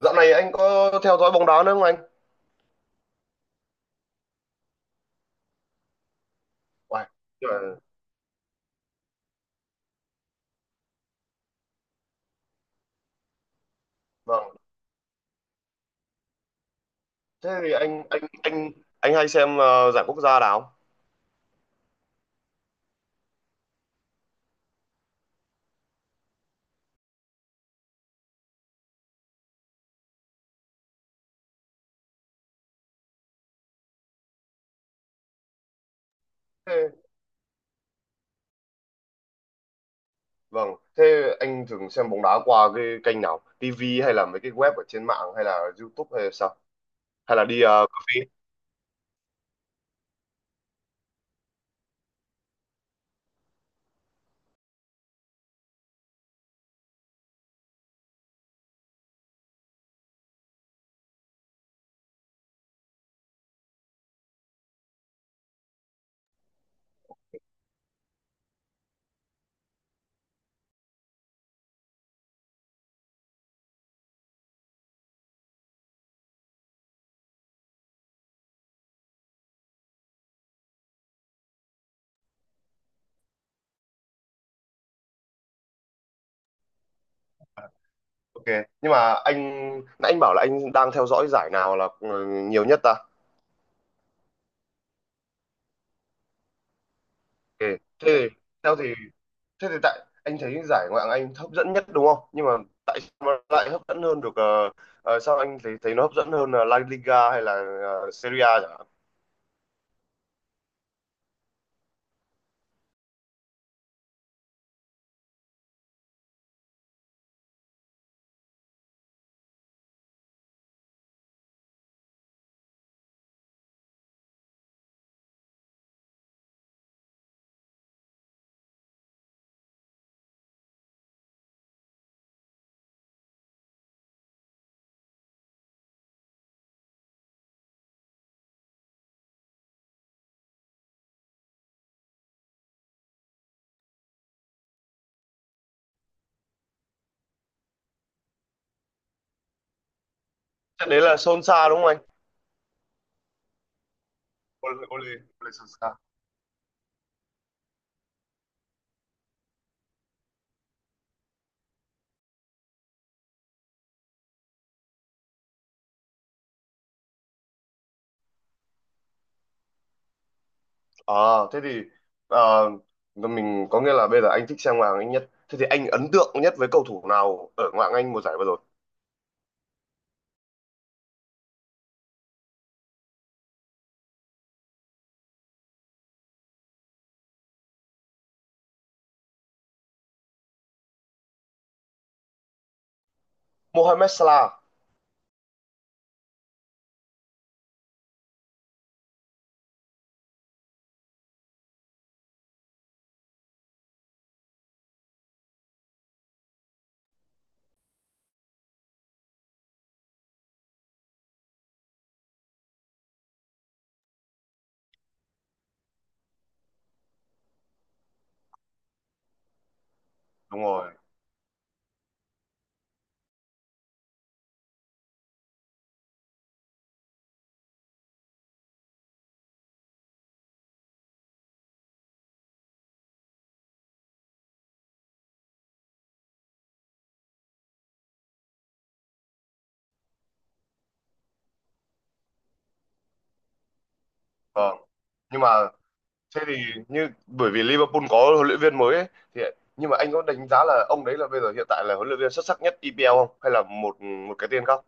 Dạo này anh có theo dõi bóng đá nữa không anh? Uầy, nhưng vâng. Thế thì anh hay xem giải quốc gia nào? Thế, vâng. Thế anh thường xem bóng đá qua cái kênh nào? TV hay là mấy cái web ở trên mạng hay là YouTube hay là sao? Hay là đi cà phê? Ok. Nhưng mà anh nãy anh bảo là anh đang theo dõi giải nào là nhiều nhất ta? Ok. Thế thì theo thì Thế thì tại Anh thấy giải Ngoại hạng Anh hấp dẫn nhất đúng không? Nhưng mà tại sao nó lại hấp dẫn hơn được sao anh thấy thấy nó hấp dẫn hơn là La Liga hay là Serie A chẳng hạn? Chắc đấy là Solskjaer đúng không anh? Ole Ole Ole Solskjaer. À, thế thì ờ, mình có nghĩa là bây giờ anh thích xem Ngoại hạng Anh nhất. Thế thì anh ấn tượng nhất với cầu thủ nào ở Ngoại hạng Anh mùa giải vừa rồi? Mohamed Salah. Đúng rồi. Vâng. Nhưng mà Thế thì như Bởi vì Liverpool có huấn luyện viên mới ấy, thì nhưng mà anh có đánh giá là ông đấy là bây giờ hiện tại là huấn luyện viên xuất sắc nhất EPL không hay là một một cái tên khác?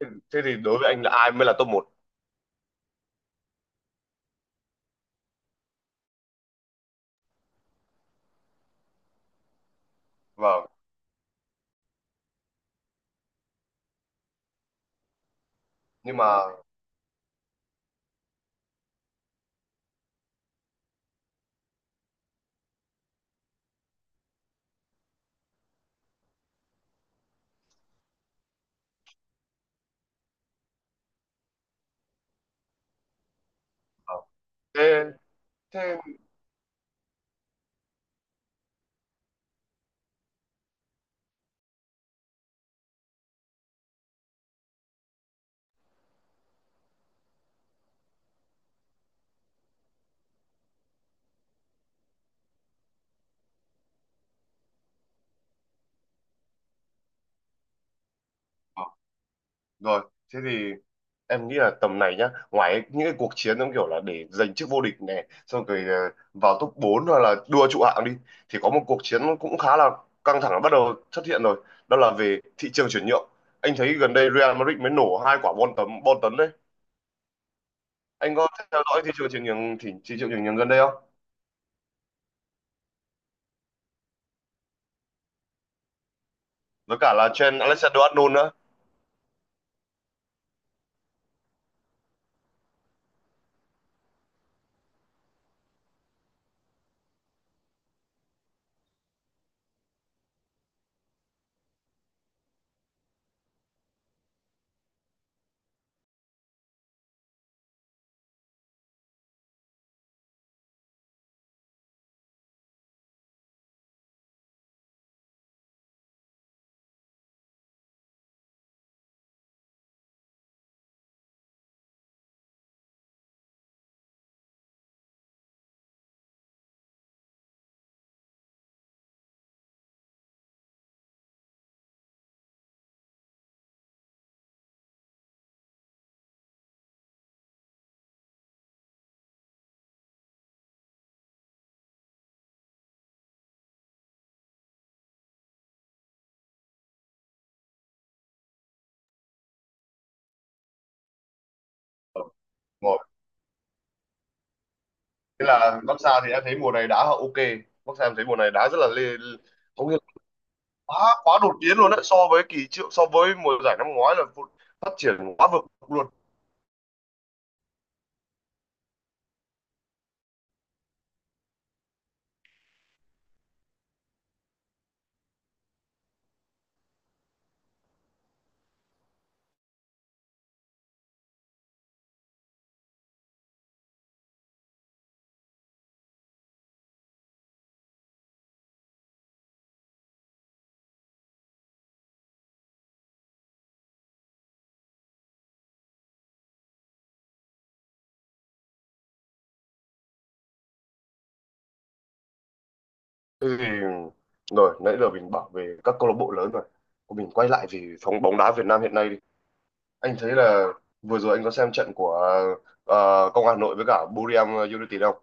Thế, thế thì đối với anh là ai mới là top một? Vâng. Nhưng mà ờ, thế thế ờ, Rồi, thế thì em nghĩ là tầm này nhá, ngoài những cái cuộc chiến giống kiểu là để giành chức vô địch này xong rồi vào top 4 hoặc là đua trụ hạng đi, thì có một cuộc chiến cũng khá là căng thẳng bắt đầu xuất hiện rồi. Đó là về thị trường chuyển nhượng. Anh thấy gần đây Real Madrid mới nổ hai quả bom tấn đấy. Anh có theo dõi thị trường chuyển nhượng thị trường chuyển nhượng gần đây không, với cả là trend Alexander-Arnold nữa? Rồi. Thế là Barca thì em thấy mùa này đá họ ok. Barca em thấy mùa này đá rất là lê, có Quá quá đột biến luôn đấy, so với kỳ triệu so với mùa giải năm ngoái là phát triển quá vực luôn. Thế thì rồi nãy giờ mình bảo về các câu lạc bộ lớn rồi, mình quay lại về phòng bóng đá Việt Nam hiện nay đi. Anh thấy là vừa rồi anh có xem trận của Công an Hà Nội với cả Buriram United không?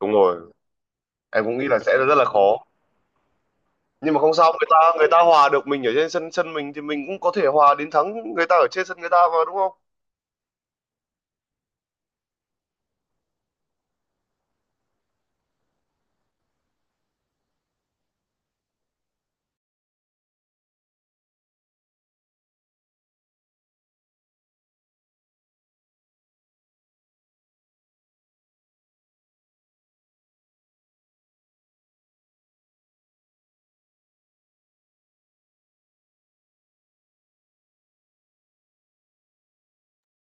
Đúng rồi, em cũng nghĩ là sẽ rất là khó, nhưng mà không sao, người ta hòa được mình ở trên sân sân mình thì mình cũng có thể hòa đến thắng người ta ở trên sân người ta mà đúng không?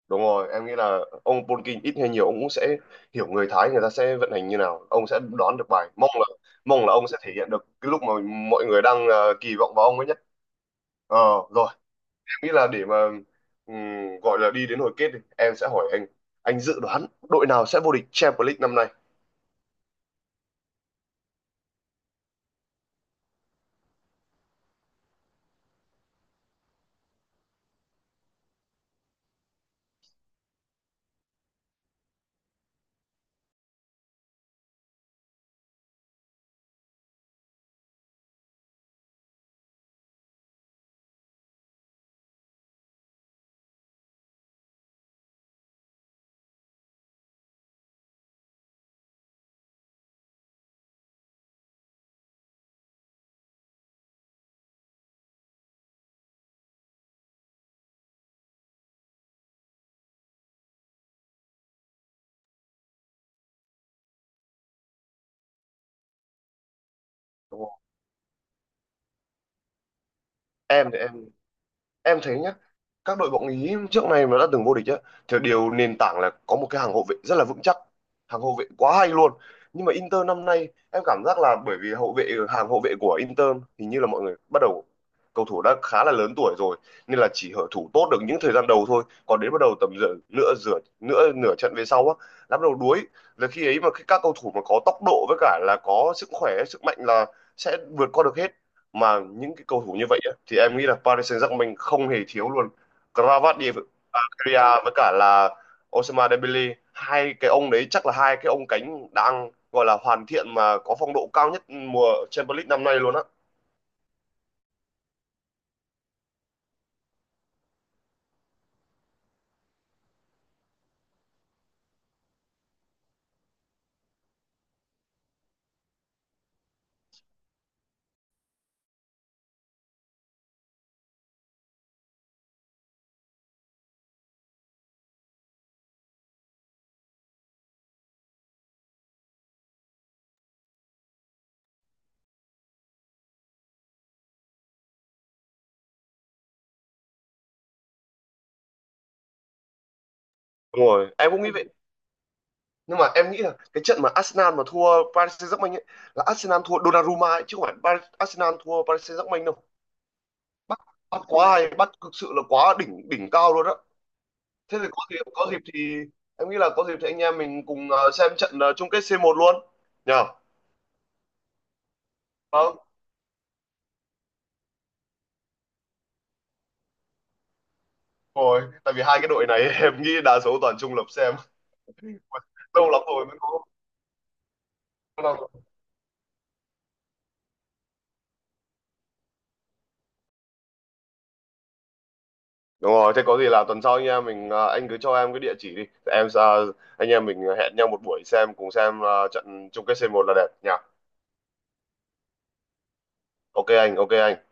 Đúng rồi, em nghĩ là ông Polking ít hay nhiều ông cũng sẽ hiểu người Thái người ta sẽ vận hành như nào, ông sẽ đoán được bài. Mong là ông sẽ thể hiện được cái lúc mà mọi người đang kỳ vọng vào ông ấy nhất. Ờ rồi, em nghĩ là để mà gọi là đi đến hồi kết đi, em sẽ hỏi anh dự đoán đội nào sẽ vô địch Champions League năm nay? Đúng không? Em thì em thấy nhá, các đội bóng Ý trước này mà đã từng vô địch á thì điều nền tảng là có một cái hàng hậu vệ rất là vững chắc, hàng hậu vệ quá hay luôn. Nhưng mà Inter năm nay em cảm giác là bởi vì hậu vệ hàng hậu vệ của Inter, hình như là mọi người bắt đầu cầu thủ đã khá là lớn tuổi rồi, nên là chỉ hở thủ tốt được những thời gian đầu thôi, còn đến bắt đầu tầm giữa nửa nửa trận về sau á đã bắt đầu đuối. Là khi ấy mà khi các cầu thủ mà có tốc độ với cả là có sức khỏe sức mạnh là sẽ vượt qua được hết. Mà những cái cầu thủ như vậy á, thì em nghĩ là Paris Saint-Germain không hề thiếu luôn. Kravat Divaria với cả là Ousmane Dembele, hai cái ông đấy chắc là hai cái ông cánh đang gọi là hoàn thiện mà có phong độ cao nhất mùa Champions League năm nay luôn á. Đúng rồi, em cũng nghĩ vậy. Nhưng mà em nghĩ là cái trận mà Arsenal mà thua Paris Saint-Germain ấy, là Arsenal thua Donnarumma ấy, chứ không phải Paris, Arsenal thua Paris Saint-Germain đâu. Bắt bắt quá hay, bắt thực sự là quá đỉnh đỉnh cao luôn á. Thế thì có dịp thì em nghĩ là có dịp thì anh em mình cùng xem trận chung kết C1 luôn nhờ. Ờ, rồi tại vì hai cái đội này em nghĩ đa số toàn trung lập xem. Lâu lắm rồi mới có. Đúng rồi, thế có gì là tuần sau nha mình, à, anh cứ cho em cái địa chỉ đi em, à, anh em mình hẹn nhau một buổi xem cùng xem à, trận chung kết c một là đẹp nhỉ? Ok anh, ok anh.